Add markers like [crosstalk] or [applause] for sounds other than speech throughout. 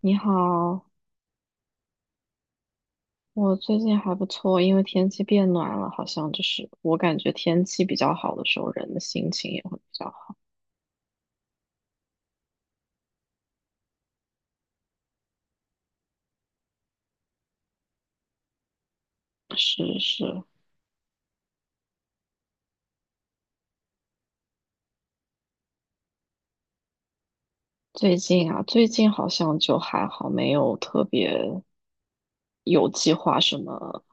你好，我最近还不错，因为天气变暖了，好像我感觉天气比较好的时候，人的心情也会比较好。是是。最近啊，最近好像就还好，没有特别有计划什么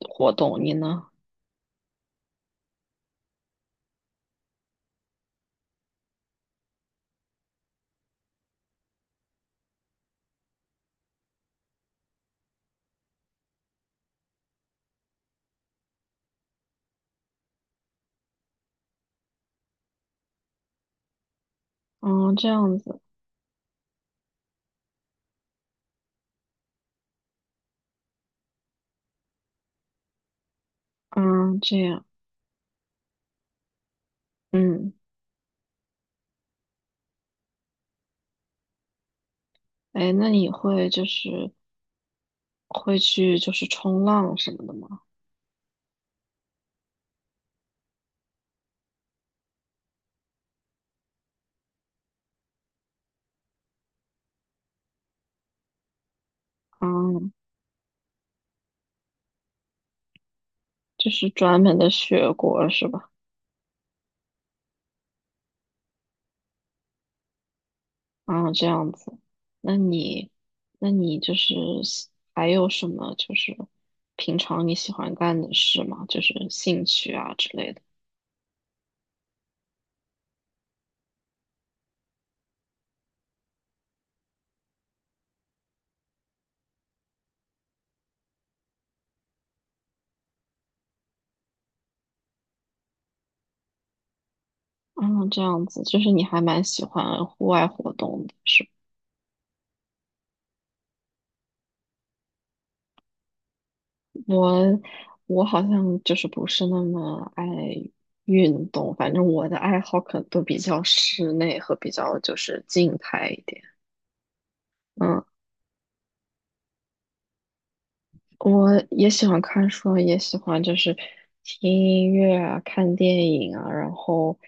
活动。你呢？嗯，这样子。嗯，这样。嗯，哎，那你会去冲浪什么的吗？嗯，就是专门的学过是吧？啊，这样子。那你，那你就是喜还有什么平常你喜欢干的事吗？就是兴趣啊之类的。啊，这样子，就是你还蛮喜欢户外活动的，是吧？我，我好像不是那么爱运动，反正我的爱好可能都比较室内和比较就是静态一点。嗯。我也喜欢看书，也喜欢听音乐啊、看电影啊，然后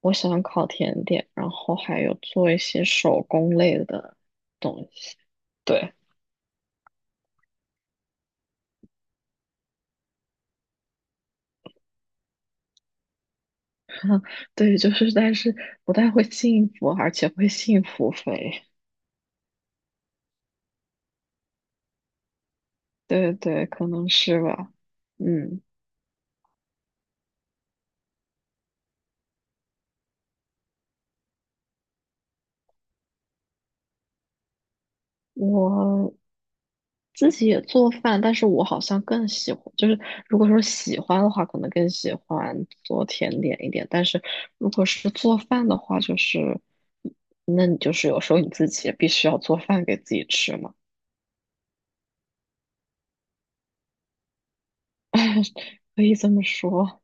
我喜欢烤甜点，然后还有做一些手工类的东西。对。对，但是不太会幸福，而且会幸福肥。对对，可能是吧。嗯，我自己也做饭，但是我好像更喜欢，就是如果说喜欢的话，可能更喜欢做甜点一点。但是如果是做饭的话，就是那你有时候你自己也必须要做饭给自己吃嘛。[laughs] 可以这么说。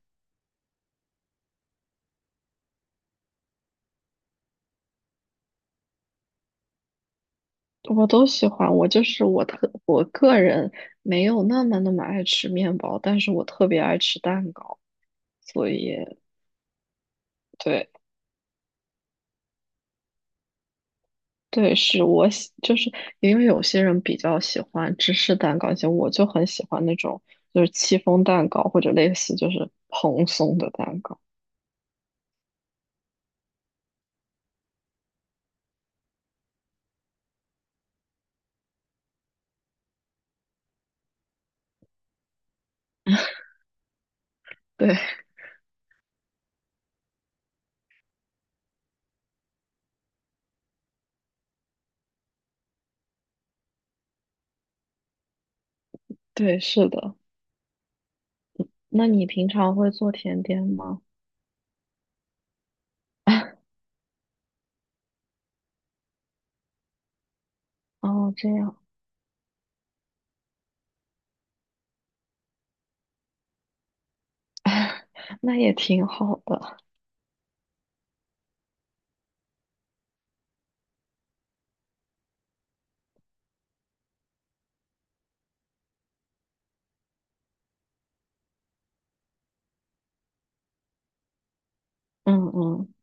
我都喜欢，我就是我特我个人没有那么爱吃面包，但是我特别爱吃蛋糕，所以对。对，是我喜，就是因为有些人比较喜欢芝士蛋糕，像我就很喜欢那种戚风蛋糕或者类似蓬松的蛋糕。对。 [laughs] 对，是的。那你平常会做甜点吗？哦，这样。[laughs] 那也挺好的。嗯嗯，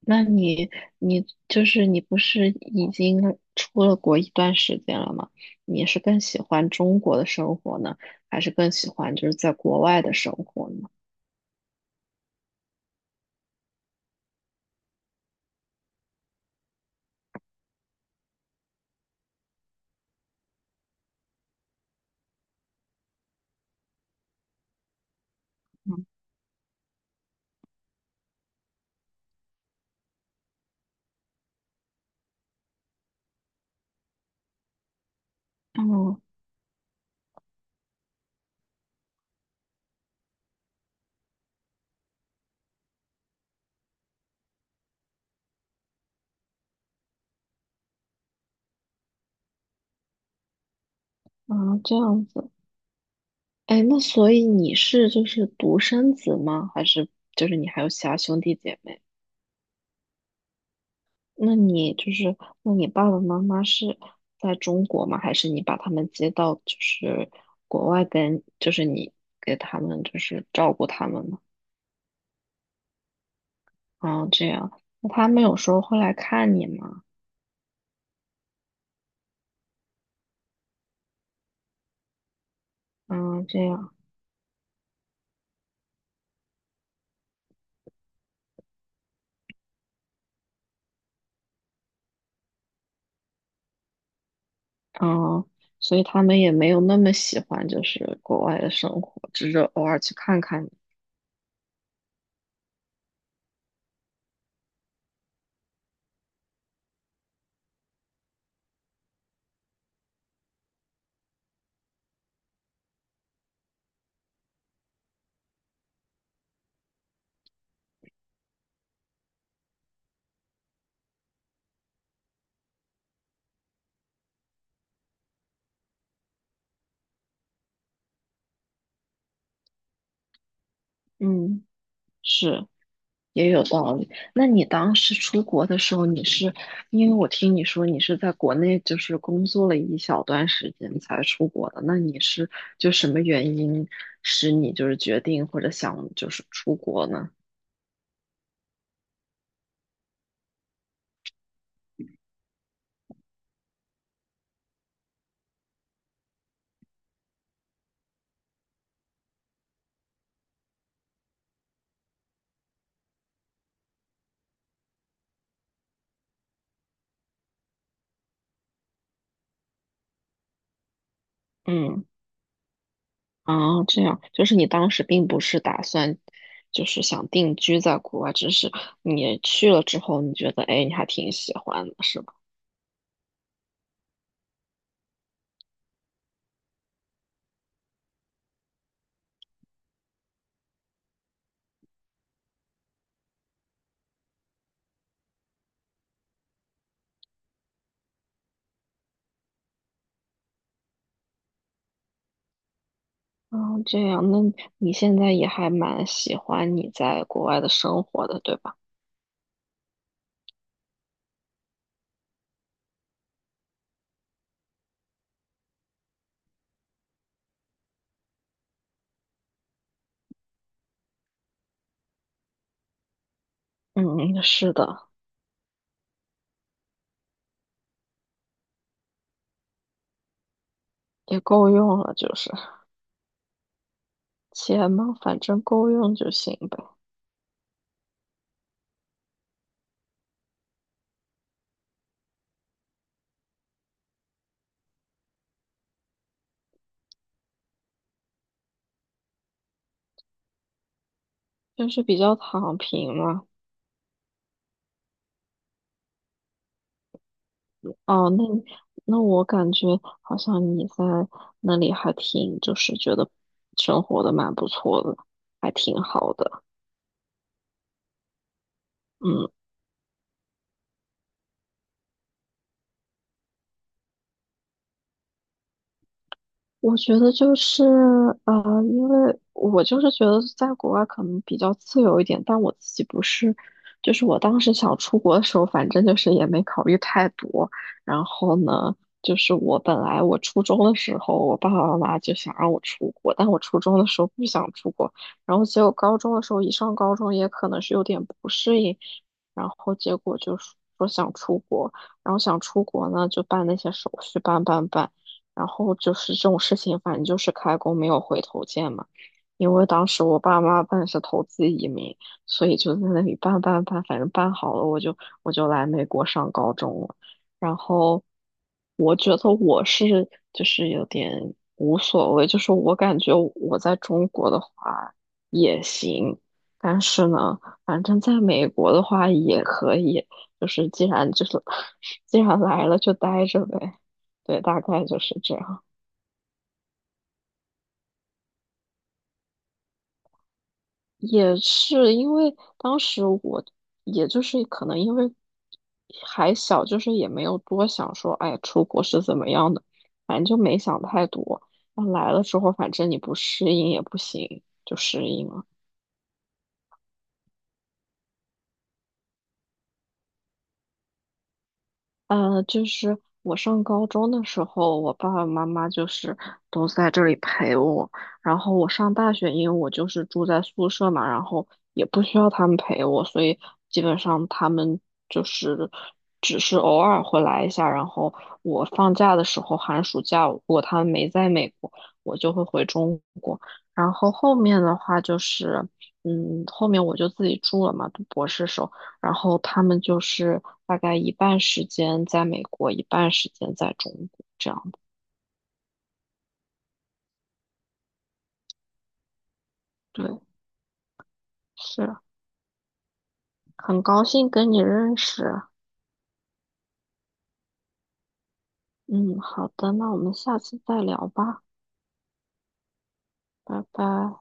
那你不是已经出了国一段时间了吗？你是更喜欢中国的生活呢，还是更喜欢在国外的生活呢？嗯。哦，啊，这样子。哎，那所以你是独生子吗？还是你还有其他兄弟姐妹？那你那你爸爸妈妈是在中国吗？还是你把他们接到国外跟你给他们照顾他们呢？啊，这样，那他们有时候会来看你吗？嗯，这样。啊，所以他们也没有那么喜欢国外的生活，只是偶尔去看看你。嗯，是。也有道理。那你当时出国的时候，你是因为我听你说你是在国内工作了一小段时间才出国的，那你是就什么原因使你决定或者想出国呢？嗯，啊，这样，就是你当时并不是打算想定居在国外，只是你去了之后，你觉得哎，你还挺喜欢的，是吧？啊，这样，那你现在也还蛮喜欢你在国外的生活的，对吧？嗯，是的，也够用了，就是钱嘛，反正够用就行呗，就是比较躺平嘛。哦，那你那我感觉好像你在那里还挺，就是觉得生活的蛮不错的，还挺好的。嗯。我觉得就是，因为我觉得在国外可能比较自由一点，但我自己不是，就是我当时想出国的时候，反正就是也没考虑太多。然后呢，我本来我初中的时候，我爸爸妈妈就想让我出国，但我初中的时候不想出国，然后结果高中的时候，一上高中也可能是有点不适应，然后结果就是说想出国，然后想出国呢，就办那些手续，办。然后就是这种事情，反正就是开弓没有回头箭嘛。因为当时我爸妈办是投资移民，所以就在那里办，反正办好了，我就来美国上高中了。然后我觉得我是有点无所谓，就是我感觉我在中国的话也行，但是呢，反正在美国的话也可以，既然[laughs] 既然来了就待着呗。对，大概就是这样。也是因为当时我，也就是可能因为还小，就是也没有多想说，哎，出国是怎么样的，反正就没想太多。那来了之后，反正你不适应也不行，就适应了。呃，我上高中的时候，我爸爸妈妈就是都在这里陪我。然后我上大学，因为我住在宿舍嘛，然后也不需要他们陪我，所以基本上他们就是只是偶尔会来一下。然后我放假的时候，寒暑假如果他们没在美国，我就会回中国。然后后面的话就是，嗯，后面我就自己住了嘛，读博士时候。然后他们就是大概一半时间在美国，一半时间在中国这样的。对，是。很高兴跟你认识。嗯，好的，那我们下次再聊吧，拜拜。